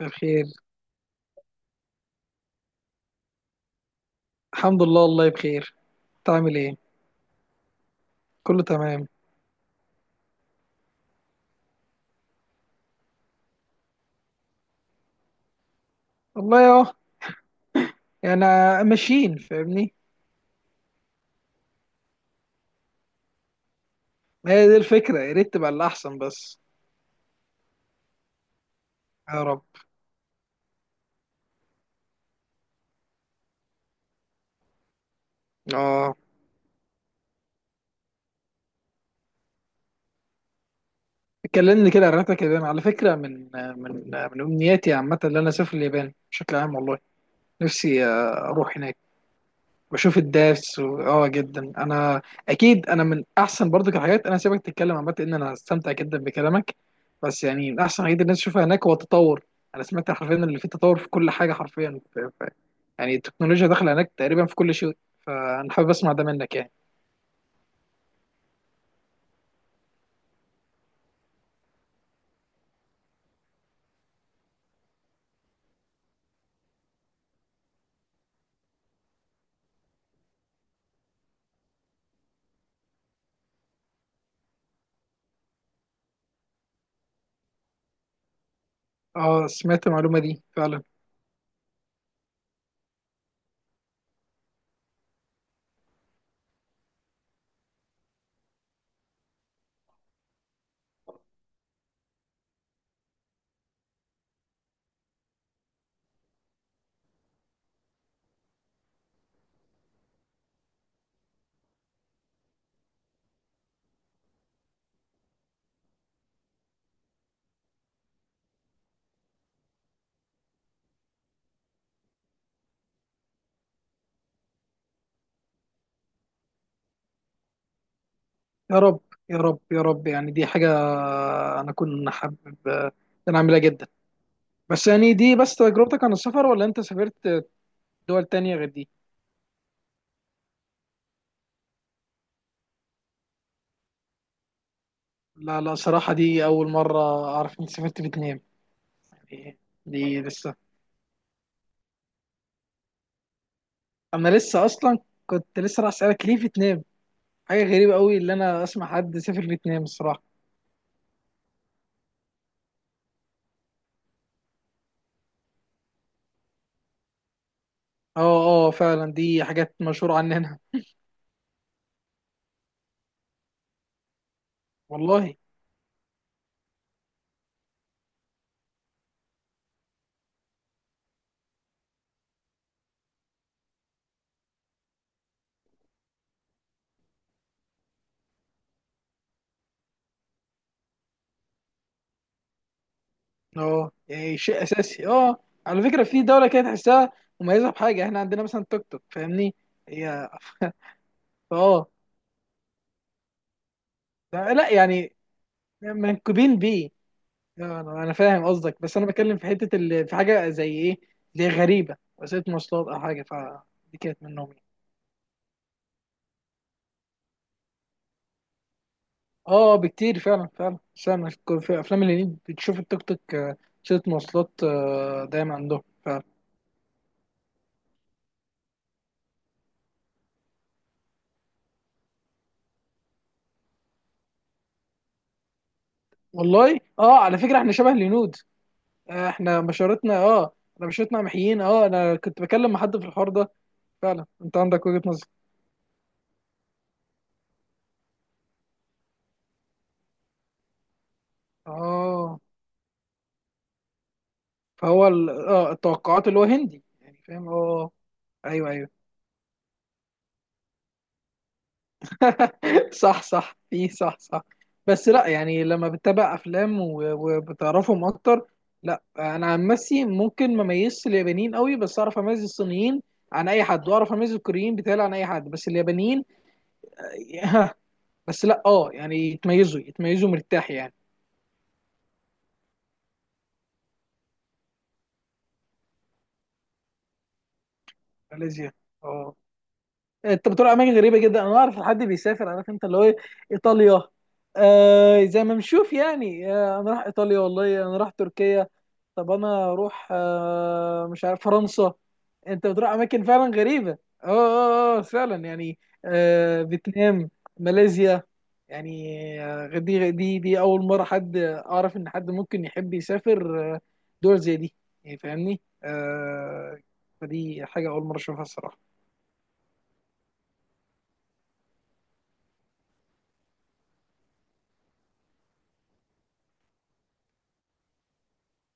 بخير. الحمد لله والله بخير. انت عامل ايه؟ كله تمام. والله اهو، يعني ماشيين، فاهمني. ما هي دي الفكره، يا ريت تبقى الاحسن بس. يا رب. اه، اتكلمني كده عن رحلتك اليابان. على فكره من امنياتي عامه ان انا اسافر اليابان بشكل عام والله. نفسي اروح هناك. بشوف الداس اه، جدا انا. اكيد انا من احسن برضو الحاجات، انا سيبك تتكلم، عامه ان انا استمتع جدا بكلامك. بس يعني من احسن الحاجات اللي الناس تشوفها هناك هو التطور. انا سمعت حرفيا اللي فيه تطور في كل حاجه حرفيا، يعني التكنولوجيا داخله هناك تقريبا في كل شيء. فانا حابب اسمع ده منك يعني. اه، سمعت المعلومه دي فعلا. يا رب يا رب يا رب. يعني دي حاجه انا كنت حابب، ان انا اعملها جدا. بس يعني دي بس تجربتك؟ عن السفر، ولا انت سافرت دول تانية غير دي؟ لا لا، صراحة دي أول مرة أعرف إنك سافرت فيتنام. يعني دي لسه، أنا لسه كنت لسه راح أسألك ليه فيتنام. حاجة غريبة أوي اللي أنا أسمع حد سافر فيتنام الصراحة. أه، أه فعلا دي حاجات مشهورة عننا. والله. أه يعني شيء أساسي، أه. على فكرة في دولة كده تحسها مميزة بحاجة، إحنا عندنا مثلا توك توك فاهمني، هي. أه. لا لا، يعني منكوبين بيه. انا فاهم قصدك، بس انا بتكلم في حته اللي في حاجه زي ايه، زي غريبه، وسيله مواصلات او حاجه، فدي كانت منهم يعني. اه بكتير فعلا فعلا. فعلا، في افلام الهنيد بتشوف التوك توك، وسيله مواصلات دايما عندهم فعلا. والله، اه. على فكره احنا شبه الهنود. احنا بشرتنا اه، بشرتنا محيين. اه انا كنت بكلم مع حد في الحوار ده، فعلا انت عندك وجهه نظر. اه فهو التوقعات اللي هو هندي يعني، فاهم اه ايوه ايوه. صح صح في صح صح. بس لا يعني لما بتتابع وبتعرفهم اكتر، لا انا عن نفسي ممكن ما اميزش اليابانيين قوي، بس اعرف اميز الصينيين عن اي حد، واعرف اميز الكوريين بتاعي عن اي حد، بس اليابانيين. بس لا اه يعني يتميزوا يتميزوا مرتاح يعني. ماليزيا، اه. انت بتروح اماكن غريبه جدا، انا اعرف حد بيسافر عارف انت اللي هو ايه، ايطاليا. آه زي ما بنشوف يعني، آه انا راح ايطاليا، والله انا راح تركيا. طب انا اروح آه مش عارف فرنسا. انت بتروح اماكن فعلا غريبه، اه اه اه فعلا يعني. آه فيتنام، ماليزيا، يعني دي اول مره حد اعرف ان حد ممكن يحب يسافر دول زي دي، يعني فاهمني آه. فدي حاجه اول مره اشوفها الصراحه.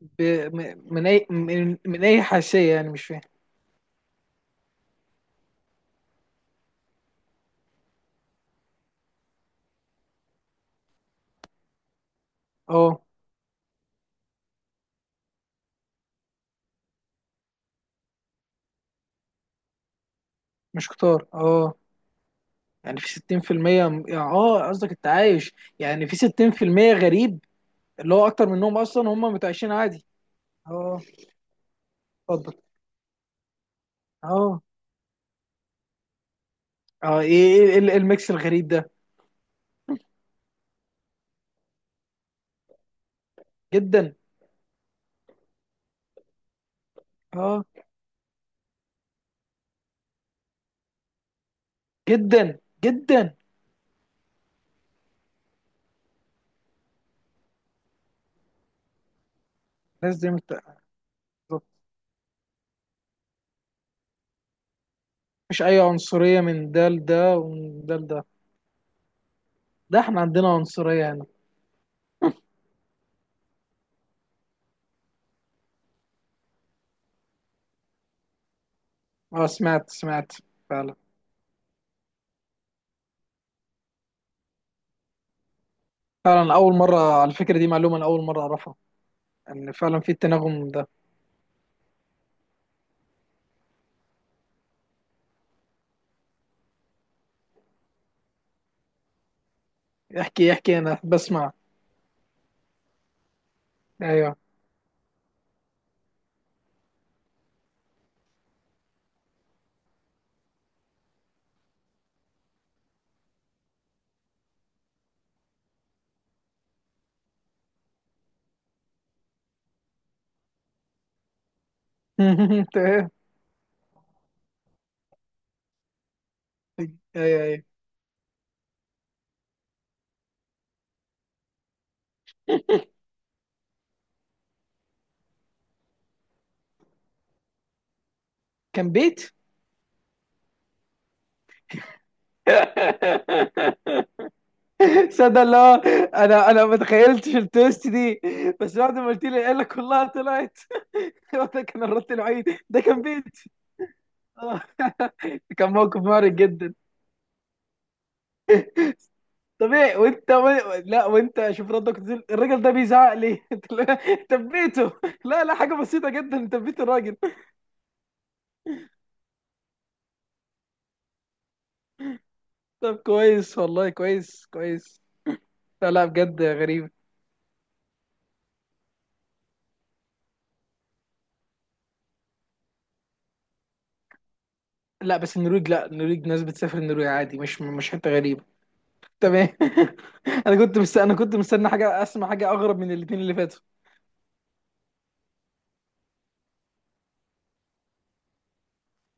ب... من اي حاشيه؟ يعني مش فاهم. اه. مش كتار، اه. يعني في 60%. يعني اه قصدك التعايش. يعني في 60% غريب، اللي هو اكتر منهم اصلا، هم متعايشين عادي. اه، اتفضل. اه. اه ايه ايه إيه الميكس الغريب ده. جدا. اه. جدا جدا. الناس دي مش اي عنصريه من ده لده ومن ده لده. ده احنا عندنا عنصريه هنا. اه سمعت سمعت. فعلا فعلا. اول مره على الفكره دي معلومه، انا اول مره اعرفها، ان فعلا في التناغم ده. احكي احكي، انا بسمع. ايوه. تمام. ايوه ايوه، كان بيت. صدق الله. انا ما تخيلتش التويست دي، بس بعد ما قلت لي قال لك كلها طلعت. هو ده كان الرد الوحيد، ده كان بيت. آه، كان موقف محرج جدا. طب ايه لا، وانت شوف ردك تقول الراجل ده بيزعق لي. تبيته. لا لا حاجه بسيطه جدا تبيت الراجل. طب كويس، والله كويس كويس. لا لا، بجد غريب. لا بس النرويج، لا النرويج ناس بتسافر النرويج عادي، مش مش حته غريبه. تمام. انا كنت مستني حاجه، اسمع حاجه اغرب من الاثنين اللي فاتوا.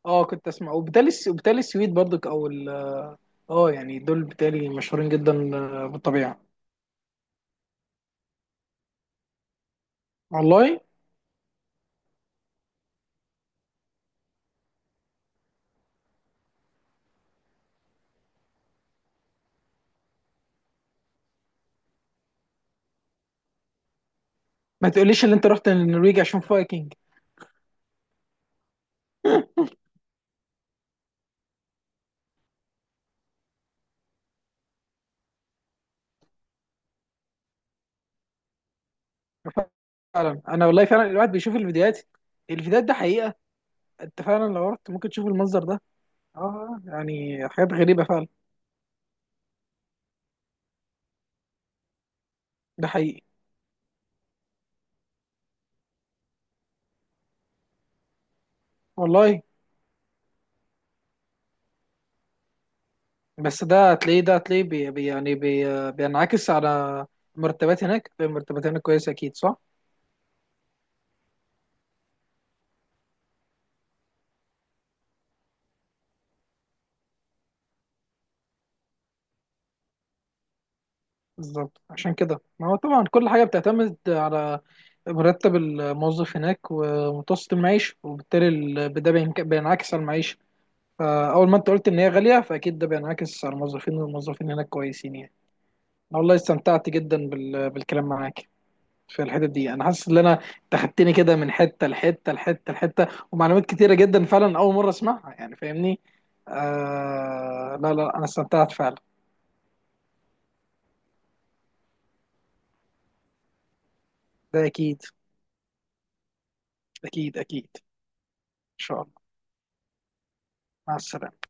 اه كنت اسمع، وبالتالي السويد برضك اه يعني دول بالتالي مشهورين جدا بالطبيعه. والله. ما تقوليش ان انت رحت النرويج عشان فايكنج. فعلا، انا والله فعلا الواحد بيشوف الفيديوهات، الفيديوهات ده حقيقه، انت فعلا لو رحت ممكن تشوف المنظر ده. اه يعني حاجات غريبه فعلا. ده حقيقي. والله. بس ده هتلاقيه ده هتلاقيه بي بي- يعني بي بينعكس على مرتبات. هناك المرتبات هناك كويسة أكيد، صح؟ بالظبط، عشان كده ما هو طبعا كل حاجة بتعتمد على مرتب الموظف هناك ومتوسط المعيشة، وبالتالي ده بينعكس على المعيشة. فأول ما أنت قلت إن هي غالية، فأكيد ده بينعكس على الموظفين، والموظفين هناك كويسين يعني. أنا والله استمتعت جدا بالكلام معاك في الحتت دي. انا حاسس ان انا تخدتني كده من حته لحته لحته لحته، ومعلومات كتيره جدا فعلا اول مره اسمعها، يعني فاهمني. آه لا لا، انا استمتعت فعلا. ده اكيد اكيد اكيد. ان شاء الله. مع السلامه.